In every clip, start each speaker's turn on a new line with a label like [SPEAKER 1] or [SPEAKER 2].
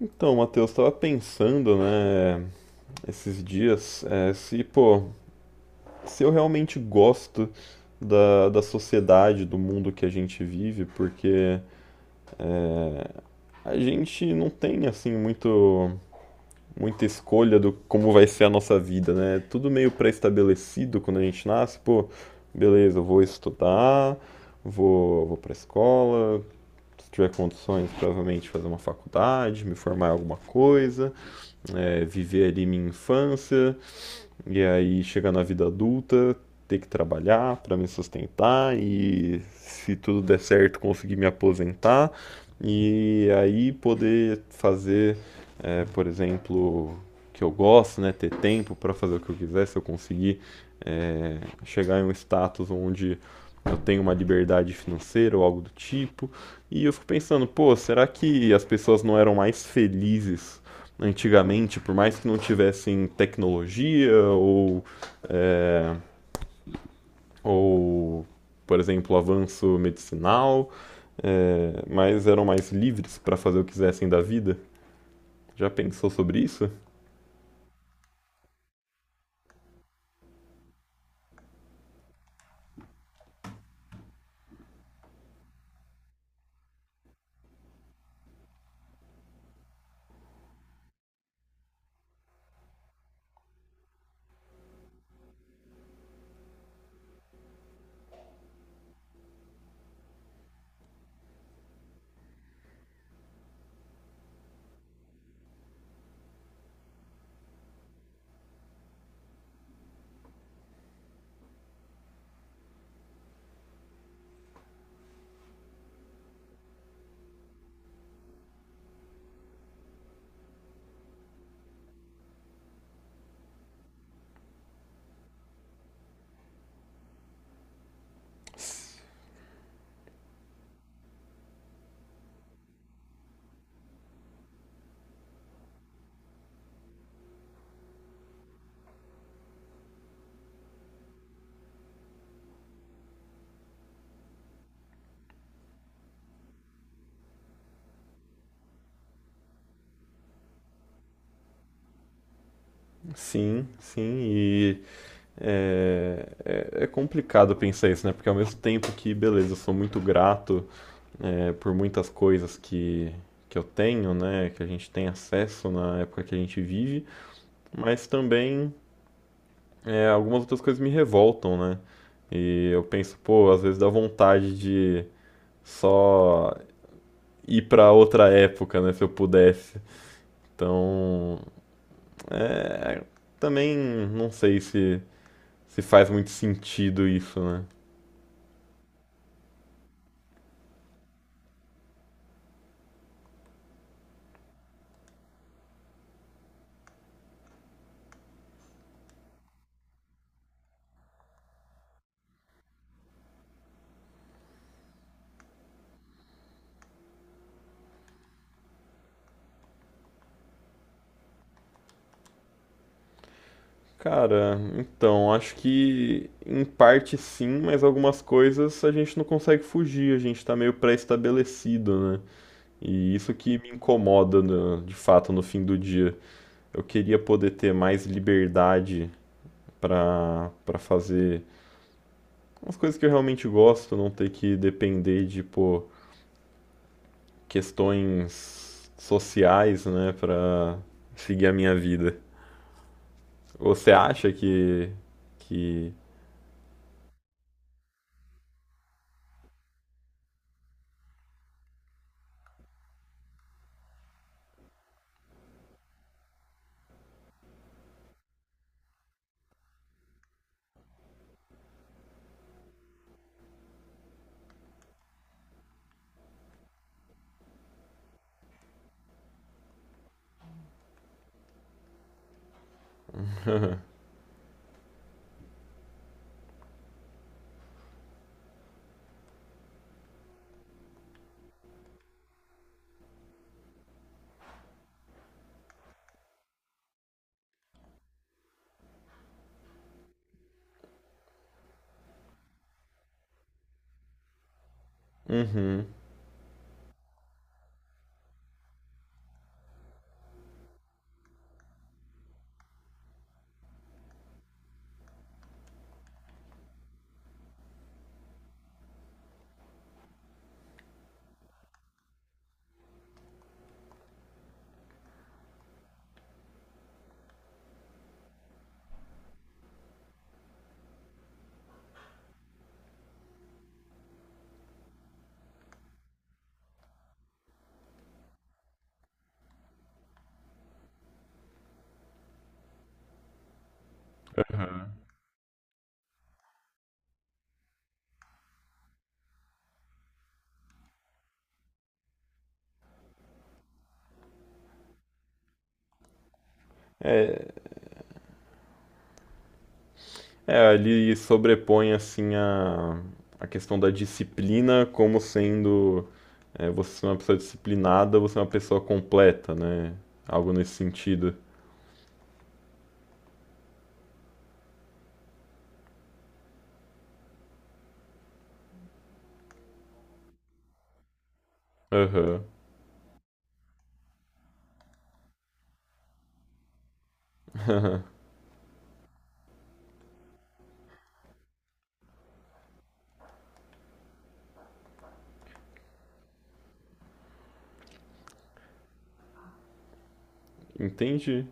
[SPEAKER 1] Então, Matheus, estava pensando, né, esses dias, se, pô, se eu realmente gosto da sociedade, do mundo que a gente vive, porque é, a gente não tem, assim, muita escolha do como vai ser a nossa vida, né? É tudo meio pré-estabelecido quando a gente nasce, pô, beleza, eu vou estudar, vou pra escola, se tiver condições, provavelmente fazer uma faculdade, me formar em alguma coisa viver ali minha infância e aí chegar na vida adulta, ter que trabalhar para me sustentar e se tudo der certo conseguir me aposentar e aí poder fazer, por exemplo, que eu gosto, né, ter tempo para fazer o que eu quiser, se eu conseguir eh, chegar em um status onde eu tenho uma liberdade financeira ou algo do tipo. E eu fico pensando, pô, será que as pessoas não eram mais felizes antigamente, por mais que não tivessem tecnologia é, ou por exemplo, avanço medicinal, é, mas eram mais livres para fazer o que quisessem da vida. Já pensou sobre isso? Sim, sim, e é, é complicado pensar isso, né? Porque ao mesmo tempo que, beleza, eu sou muito grato, por muitas coisas que eu tenho, né? Que a gente tem acesso na época que a gente vive, mas também é, algumas outras coisas me revoltam, né? E eu penso, pô, às vezes dá vontade de só ir pra outra época, né, se eu pudesse. Então, é, também não sei se faz muito sentido isso, né? Cara, então, acho que em parte sim, mas algumas coisas a gente não consegue fugir, a gente tá meio pré-estabelecido, né? E isso que me incomoda, né, de fato, no fim do dia. Eu queria poder ter mais liberdade para fazer umas coisas que eu realmente gosto, não ter que depender de, pô, questões sociais, né, para seguir a minha vida. Você acha que Uhum. É, ele sobrepõe assim a questão da disciplina como sendo, é, você é uma pessoa disciplinada, você é uma pessoa completa, né? Algo nesse sentido. Aham. Entendi.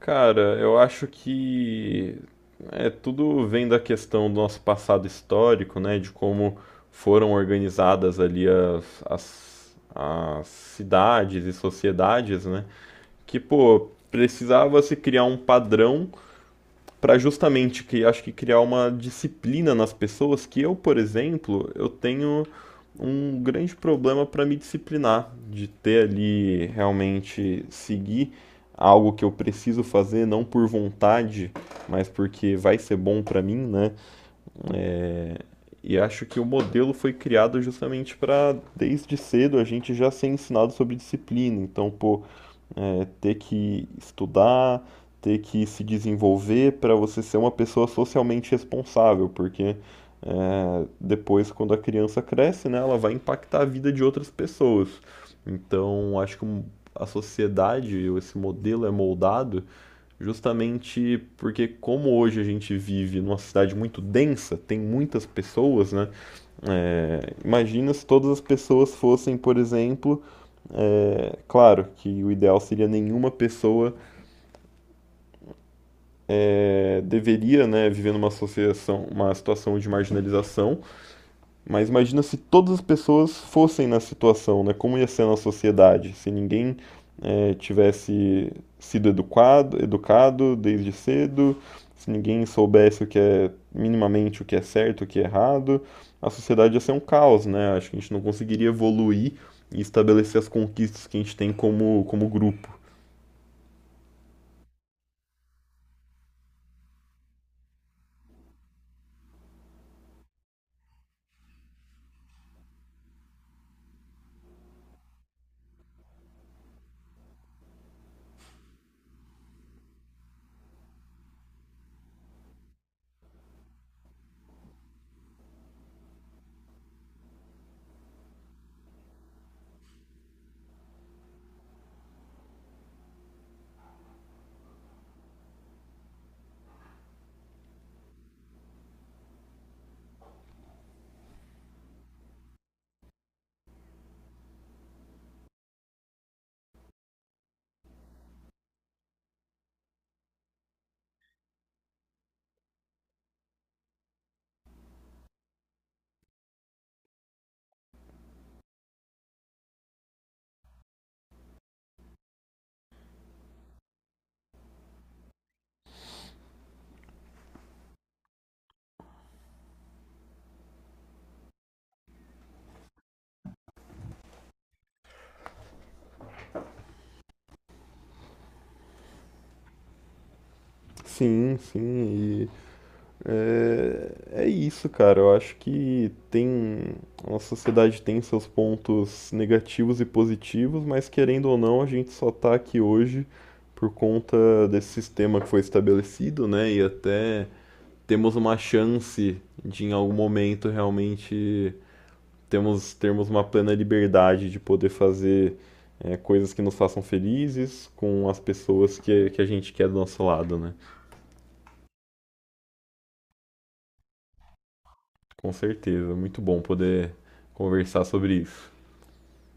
[SPEAKER 1] Cara, eu acho que é, tudo vem da questão do nosso passado histórico, né? De como foram organizadas ali as cidades e sociedades, né? Que, pô, precisava se criar um padrão para justamente que acho que criar uma disciplina nas pessoas que eu, por exemplo, eu tenho um grande problema para me disciplinar, de ter ali realmente seguir algo que eu preciso fazer não por vontade, mas porque vai ser bom para mim, né? E acho que o modelo foi criado justamente para desde cedo a gente já ser ensinado sobre disciplina. Então, pô, é ter que estudar, ter que se desenvolver para você ser uma pessoa socialmente responsável, porque é, depois, quando a criança cresce, né, ela vai impactar a vida de outras pessoas. Então, acho que a sociedade, ou esse modelo é moldado justamente porque, como hoje a gente vive numa cidade muito densa, tem muitas pessoas, né? É, imagina se todas as pessoas fossem, por exemplo, é, claro que o ideal seria nenhuma pessoa, é, deveria, né, viver numa associação, uma situação de marginalização, mas imagina se todas as pessoas fossem na situação, né, como ia ser na sociedade, se ninguém, é, tivesse sido educado desde cedo, se ninguém soubesse o que é minimamente o que é certo, o que é errado, a sociedade ia ser um caos, né? Acho que a gente não conseguiria evoluir e estabelecer as conquistas que a gente tem como, como grupo. Sim, sim, e é, é isso, cara. Eu acho que tem. A nossa sociedade tem seus pontos negativos e positivos, mas querendo ou não, a gente só tá aqui hoje por conta desse sistema que foi estabelecido, né? E até temos uma chance de, em algum momento, realmente termos uma plena liberdade de poder fazer, é, coisas que nos façam felizes com as pessoas que a gente quer do nosso lado, né? Com certeza, muito bom poder conversar sobre isso.